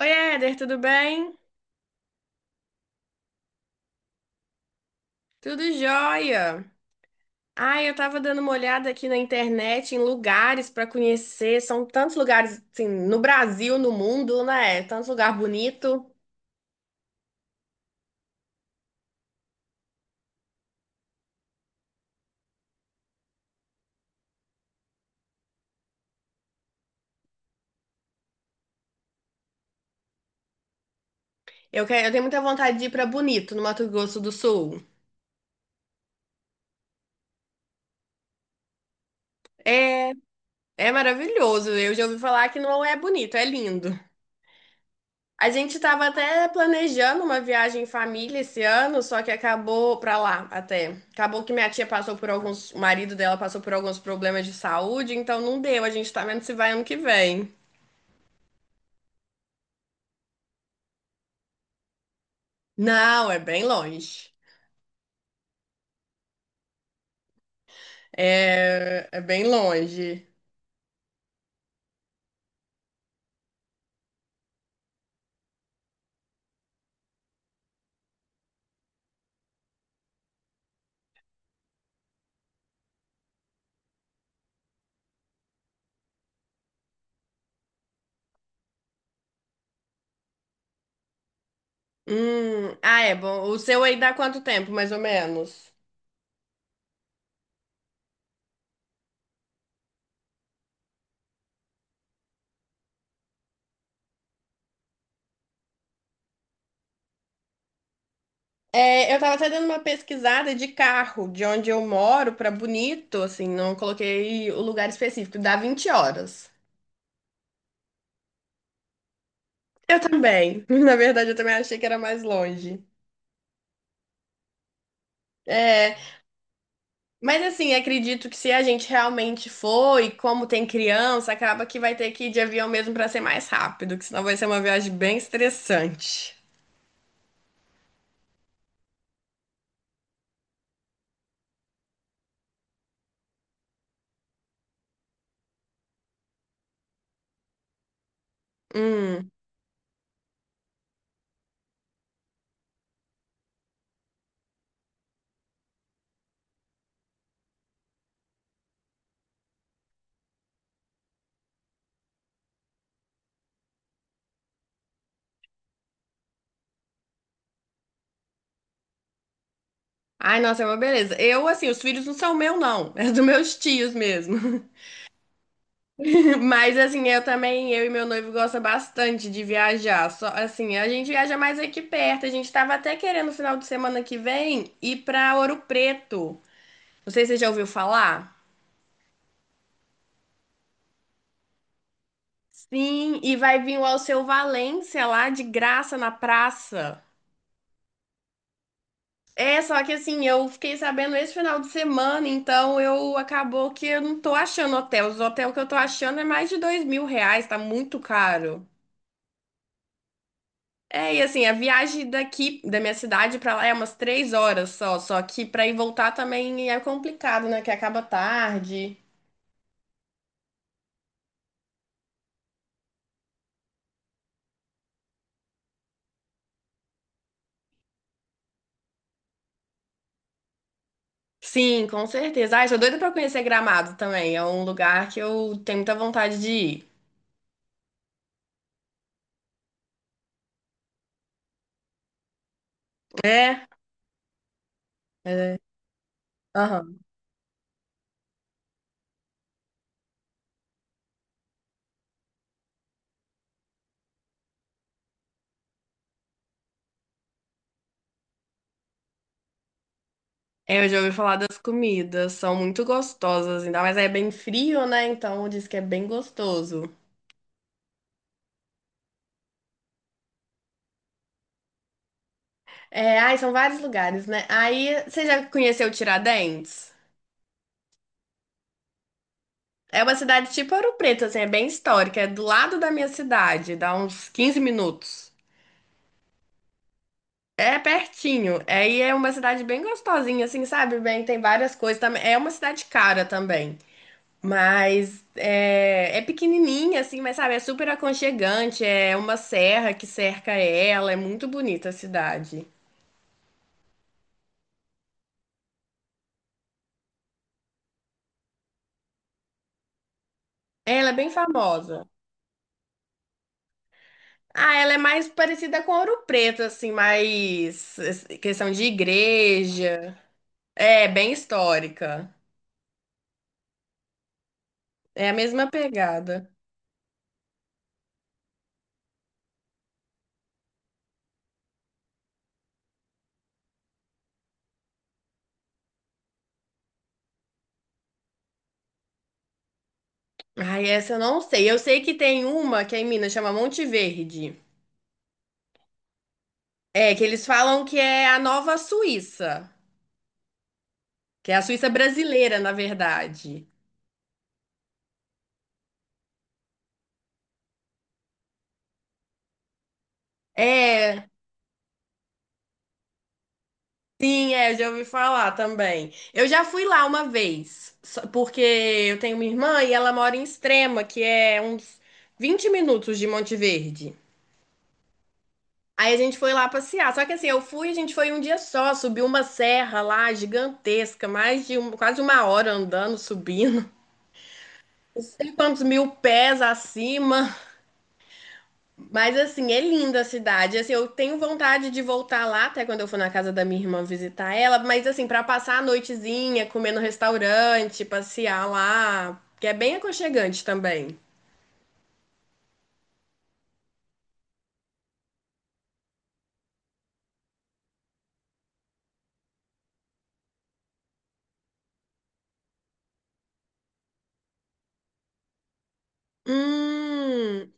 Oi, Éder, tudo bem? Tudo jóia. Ai, eu tava dando uma olhada aqui na internet em lugares pra conhecer. São tantos lugares, assim, no Brasil, no mundo, né? Tantos lugar bonito. Eu quero, eu tenho muita vontade de ir pra Bonito, no Mato Grosso do Sul. É, é maravilhoso. Eu já ouvi falar que não é bonito, é lindo. A gente estava até planejando uma viagem em família esse ano, só que acabou para lá até. Acabou que minha tia passou por alguns, o marido dela passou por alguns problemas de saúde, então não deu. A gente tá vendo se vai ano que vem. Não, é bem longe. É, é bem longe. Ah, é bom. O seu aí dá quanto tempo, mais ou menos? É, eu tava até dando uma pesquisada de carro, de onde eu moro para Bonito, assim, não coloquei o lugar específico, dá 20 horas. Eu também. Na verdade, eu também achei que era mais longe. É, mas assim, acredito que se a gente realmente for e como tem criança, acaba que vai ter que ir de avião mesmo pra ser mais rápido, que senão vai ser uma viagem bem estressante. Hum. Ai, nossa, é uma beleza. Eu, assim, os filhos não são meu, não. É dos meus tios mesmo. Mas, assim, eu também, eu e meu noivo gosta bastante de viajar. Só, assim, a gente viaja mais aqui perto. A gente tava até querendo, no final de semana que vem, ir pra Ouro Preto. Não sei se você já ouviu falar. Sim, e vai vir o Alceu Valença lá de graça na praça. É, só que assim, eu fiquei sabendo esse final de semana, então eu acabou que eu não tô achando hotel. Os hotéis que eu tô achando é mais de R$ 2.000, tá muito caro. É, e assim, a viagem daqui, da minha cidade pra lá é umas 3 horas só, só que pra ir voltar também é complicado, né? Que acaba tarde. Sim, com certeza. Ai, sou doida pra conhecer Gramado também. É um lugar que eu tenho muita vontade de ir. É, é. Aham. É, eu já ouvi falar das comidas, são muito gostosas, ainda mais aí é bem frio, né? Então diz que é bem gostoso. É, ai, são vários lugares, né? Aí, você já conheceu Tiradentes? É uma cidade tipo Ouro Preto, assim, é bem histórica, é do lado da minha cidade, dá uns 15 minutos. É pertinho, aí é uma cidade bem gostosinha, assim, sabe? Bem, tem várias coisas também. É uma cidade cara também. Mas é, é pequenininha, assim, mas sabe, é super aconchegante. É uma serra que cerca ela. É muito bonita a cidade. Ela é bem famosa. Ah, ela é mais parecida com Ouro Preto, assim, mais questão de igreja. É, bem histórica. É a mesma pegada. Ai, essa eu não sei. Eu sei que tem uma que é em Minas, chama Monte Verde. É, que eles falam que é a nova Suíça. Que é a Suíça brasileira, na verdade. É. Sim, é, eu já ouvi falar também. Eu já fui lá uma vez, porque eu tenho uma irmã e ela mora em Extrema, que é uns 20 minutos de Monte Verde. Aí a gente foi lá passear. Só que assim, eu fui, a gente foi um dia só, subiu uma serra lá gigantesca, quase uma hora andando, subindo, não sei quantos mil pés acima. Mas assim, é linda a cidade. Assim, eu tenho vontade de voltar lá até quando eu for na casa da minha irmã visitar ela, mas assim, pra passar a noitezinha, comer no restaurante, passear lá, que é bem aconchegante também. Hum.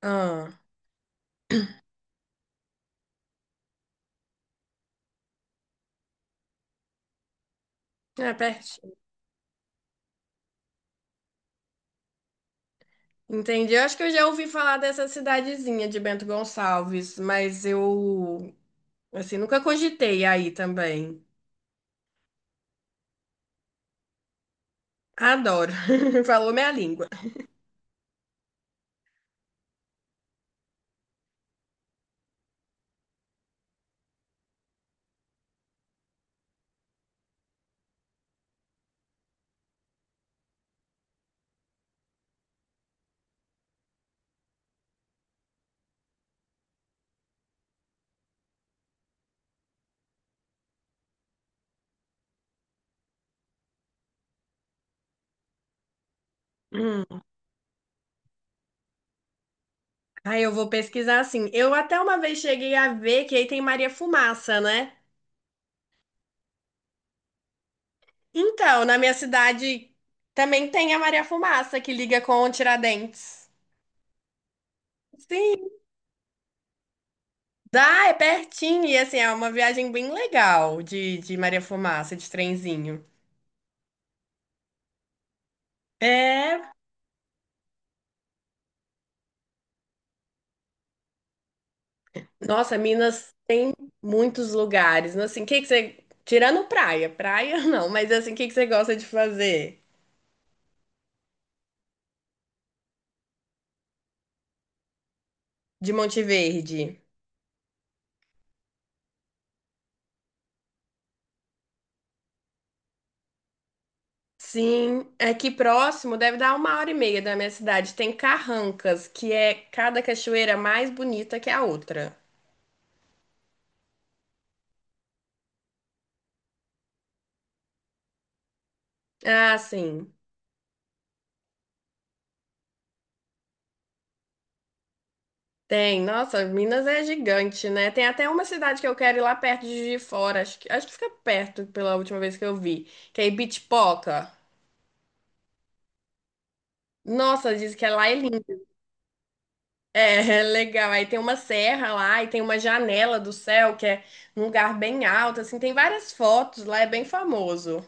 Ah, é pertinho. Entendi. Eu acho que eu já ouvi falar dessa cidadezinha de Bento Gonçalves, mas eu assim, nunca cogitei aí também. Adoro. Falou minha língua. Hum. Aí eu vou pesquisar assim. Eu até uma vez cheguei a ver que aí tem Maria Fumaça, né? Então, na minha cidade também tem a Maria Fumaça que liga com o Tiradentes. Sim, dá, é pertinho. E assim, é uma viagem bem legal de Maria Fumaça, de trenzinho. É, nossa, Minas tem muitos lugares, né? Assim, o que que você. Tirando praia, praia não, mas assim, o que que você gosta de fazer de Monte Verde? Sim, aqui próximo deve dar uma hora e meia da minha cidade. Tem Carrancas, que é cada cachoeira mais bonita que a outra. Ah, sim. Tem. Nossa, Minas é gigante, né? Tem até uma cidade que eu quero ir lá perto de Juiz de Fora. Acho que fica perto pela última vez que eu vi. Que é Ibitipoca. Nossa, diz que é lá é lindo. É, é legal. Aí tem uma serra lá e tem uma janela do céu, que é num lugar bem alto, assim. Tem várias fotos lá, é bem famoso.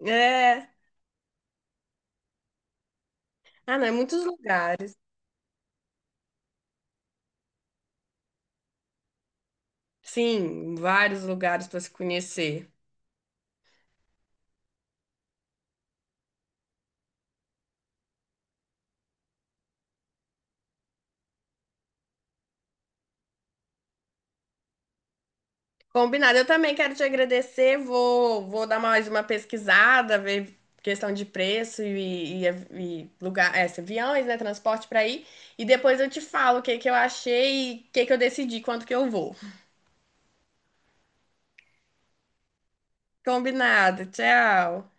É. Ah, não, é muitos lugares. Sim, vários lugares para se conhecer. Combinado. Eu também quero te agradecer. Vou dar mais uma pesquisada, ver questão de preço e lugar, é, aviões, né, transporte para ir. E depois eu te falo o que que eu achei e o que que eu decidi, quanto que eu vou. Combinado. Tchau.